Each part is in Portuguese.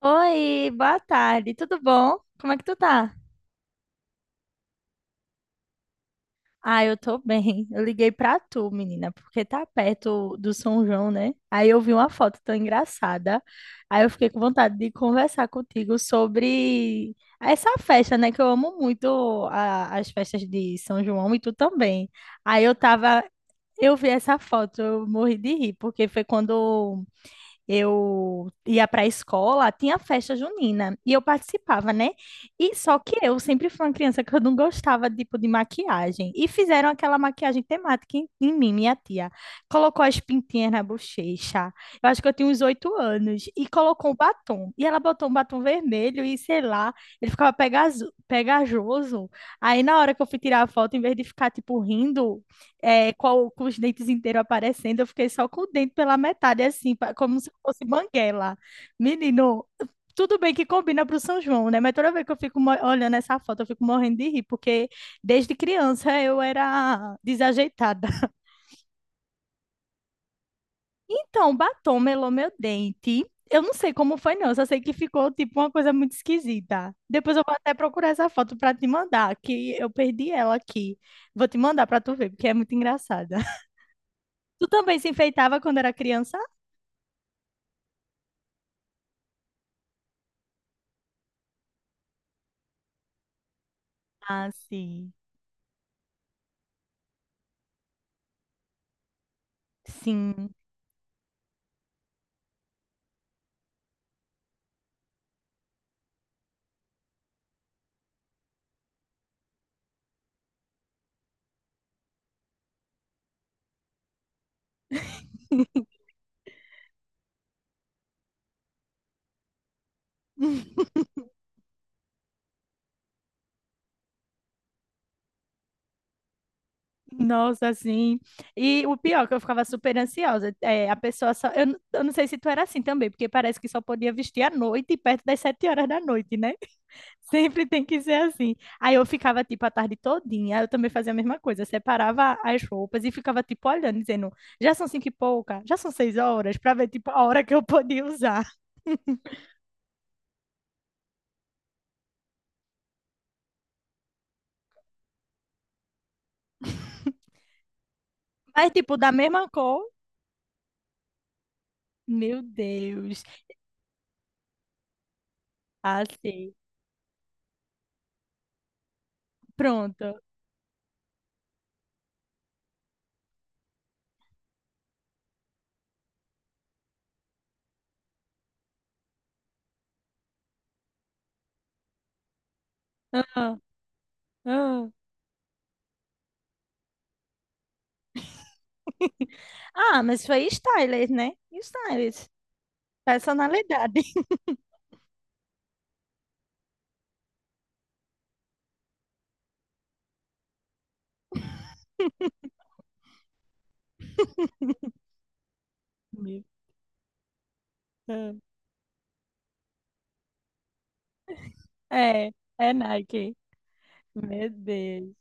Oi, boa tarde, tudo bom? Como é que tu tá? Ah, eu tô bem. Eu liguei pra tu, menina, porque tá perto do São João, né? Aí eu vi uma foto tão engraçada. Aí eu fiquei com vontade de conversar contigo sobre essa festa, né? Que eu amo muito as festas de São João e tu também. Aí eu tava, eu vi essa foto, eu morri de rir, porque foi quando eu ia para a escola, tinha festa junina e eu participava, né? E só que eu sempre fui uma criança que eu não gostava tipo de maquiagem e fizeram aquela maquiagem temática em mim, minha tia. Colocou as pintinhas na bochecha. Eu acho que eu tinha uns 8 anos e colocou um batom. E ela botou um batom vermelho e sei lá, ele ficava pegajoso. Aí na hora que eu fui tirar a foto, em vez de ficar tipo rindo, com os dentes inteiros aparecendo, eu fiquei só com o dente pela metade, assim, como se fosse banguela. Menino, tudo bem que combina para o São João, né? Mas toda vez que eu fico olhando essa foto, eu fico morrendo de rir, porque desde criança eu era desajeitada. Então, batom melou meu dente. Eu não sei como foi, não. Eu só sei que ficou, tipo, uma coisa muito esquisita. Depois eu vou até procurar essa foto para te mandar, que eu perdi ela aqui. Vou te mandar para tu ver, porque é muito engraçada. Tu também se enfeitava quando era criança? Ah, sim. Sim. Nossa, assim. E o pior, é que eu ficava super ansiosa. É, a pessoa só. Eu não sei se tu era assim também, porque parece que só podia vestir à noite, perto das 7 horas da noite, né? Sempre tem que ser assim. Aí eu ficava, tipo, a tarde todinha. Eu também fazia a mesma coisa. Separava as roupas e ficava, tipo, olhando, dizendo: já são cinco e pouca, já são 6 horas, pra ver, tipo, a hora que eu podia usar. Mas, tipo, da mesma cor. Meu Deus. Assim. Pronto. Ah, Ah, mas foi stylist, né? Stylist. Personalidade. Meu- Ah, É, é Nike. Meu Deus.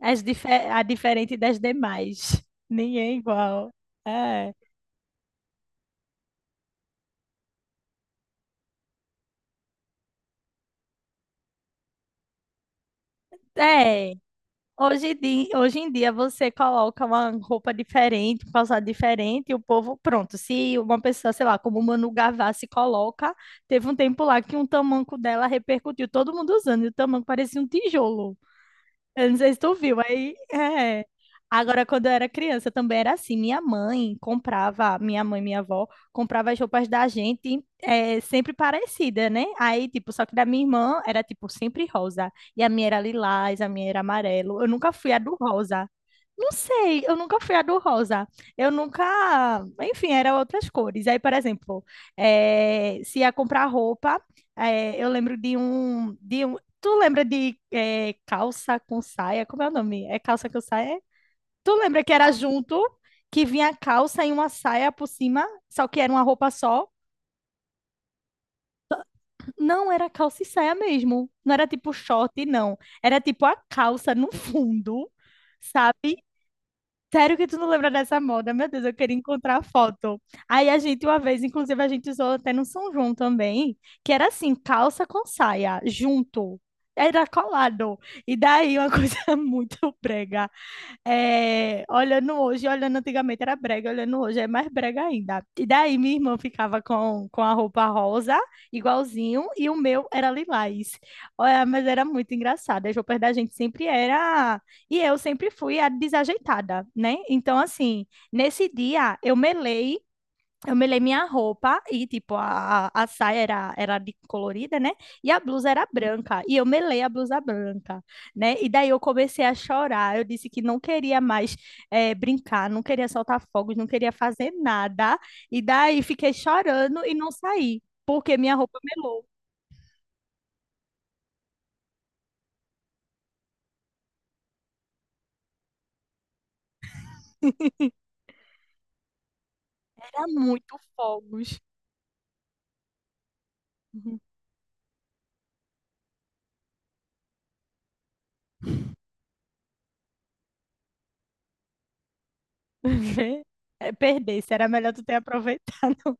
As dife- a diferente das demais. Ninguém é igual. É. É. Hoje, em Hoje em dia você coloca uma roupa diferente, um calçado diferente, e o povo, pronto. Se uma pessoa, sei lá, como Manu Gavassi coloca, teve um tempo lá que um tamanco dela repercutiu, todo mundo usando, e o tamanco parecia um tijolo. Eu não sei se tu viu, aí é. Agora, quando eu era criança, também era assim. Minha mãe comprava, minha mãe, minha avó, comprava as roupas da gente é, sempre parecida, né? Aí, tipo, só que da minha irmã era, tipo, sempre rosa. E a minha era lilás, a minha era amarelo. Eu nunca fui a do rosa. Não sei, eu nunca fui a do rosa. Eu nunca. Enfim, eram outras cores. Aí, por exemplo, se ia comprar roupa, eu lembro de um. Tu lembra de calça com saia? Como é o nome? É calça com saia? Tu lembra que era junto, que vinha a calça e uma saia por cima, só que era uma roupa só? Não, era calça e saia mesmo. Não era tipo short, não. Era tipo a calça no fundo, sabe? Sério que tu não lembra dessa moda? Meu Deus, eu queria encontrar a foto. Aí a gente, uma vez, inclusive, a gente usou até no São João também, que era assim, calça com saia, junto. Era colado. E daí, uma coisa muito brega. É, olhando hoje, olhando antigamente era brega, olhando hoje é mais brega ainda. E daí minha irmã ficava com a roupa rosa, igualzinho, e o meu era lilás. Olha, mas era muito engraçado. As roupas da gente sempre era. E eu sempre fui a desajeitada, né? Então, assim, nesse dia eu melei minha roupa e, tipo, a saia era, era de colorida, né? E a blusa era branca. E eu melei a blusa branca, né? E daí eu comecei a chorar. Eu disse que não queria mais brincar, não queria soltar fogos, não queria fazer nada. E daí fiquei chorando e não saí, porque minha roupa melou. Era muito fogos. Uhum. Vê? É, Perdesse, era melhor tu ter aproveitado.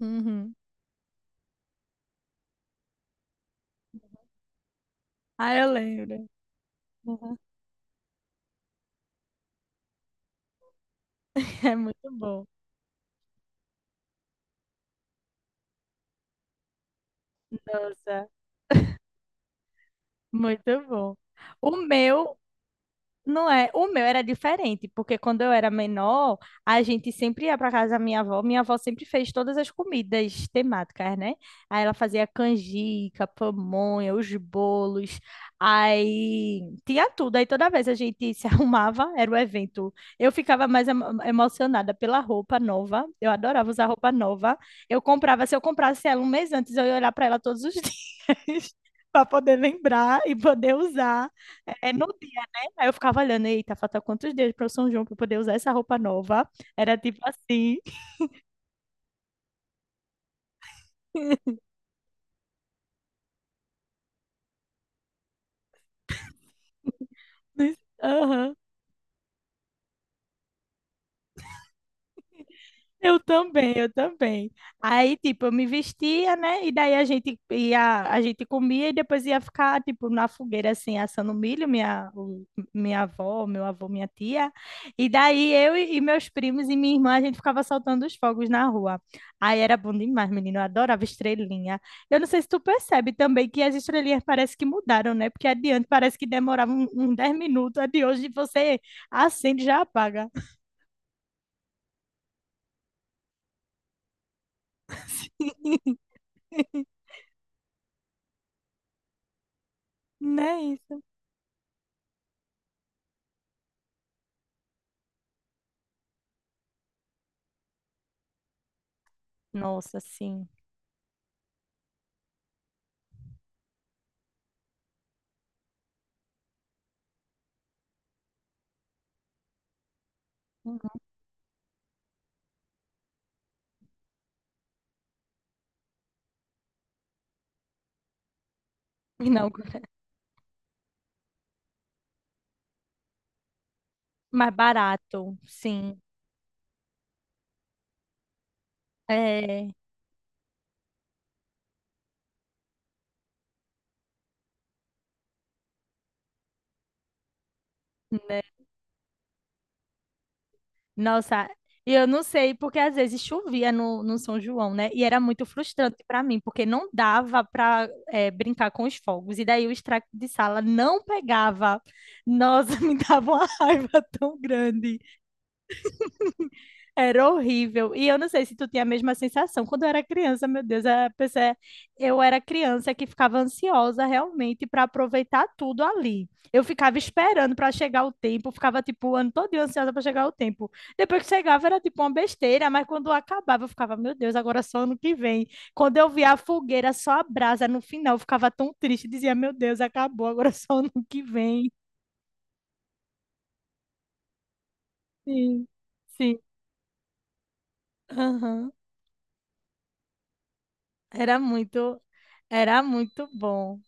Uhum. Ah, eu lembro. Uhum. É muito bom. Nossa. Muito bom. O meu, não é, o meu era diferente, porque quando eu era menor, a gente sempre ia para casa da minha avó. Minha avó sempre fez todas as comidas temáticas, né? Aí ela fazia canjica, pamonha, os bolos, aí tinha tudo. Aí toda vez a gente se arrumava, era o evento. Eu ficava mais emocionada pela roupa nova. Eu adorava usar roupa nova. Eu comprava, se eu comprasse ela um mês antes, eu ia olhar para ela todos os dias. Para poder lembrar e poder usar é, no Aí eu ficava olhando, eita, falta quantos dias para o São João para poder usar essa roupa nova? Era tipo assim. Aham. Eu também, eu também. Aí, tipo, eu me vestia, né? E daí a gente ia, a gente comia e depois ia ficar, tipo, na fogueira, assim, assando milho, minha, minha avó, meu avô, minha tia. E daí eu e meus primos e minha irmã, a gente ficava soltando os fogos na rua. Aí era bom demais, menino, eu adorava estrelinha. Eu não sei se tu percebe também que as estrelinhas parece que mudaram, né? Porque adiante parece que demorava uns 10 minutos, a de hoje você acende e já apaga. Né? Nossa, sim. Uhum. não Mais barato, sim. É, nossa, e eu não sei, porque às vezes chovia no São João, né? E era muito frustrante para mim, porque não dava para brincar com os fogos. E daí o extrato de sala não pegava. Nossa, me dava uma raiva tão grande. Era horrível. E eu não sei se tu tinha a mesma sensação. Quando eu era criança, meu Deus, a pessoa- é, eu era criança que ficava ansiosa realmente para aproveitar tudo ali. Eu ficava esperando para chegar o tempo, ficava tipo o ano todo ansiosa para chegar o tempo. Depois que chegava era tipo uma besteira, mas quando acabava eu ficava, meu Deus, agora só ano que vem. Quando eu via a fogueira só a brasa no final, eu ficava tão triste, dizia, meu Deus, acabou, agora só ano que vem. Sim, sim. Aham. Era muito, era muito bom.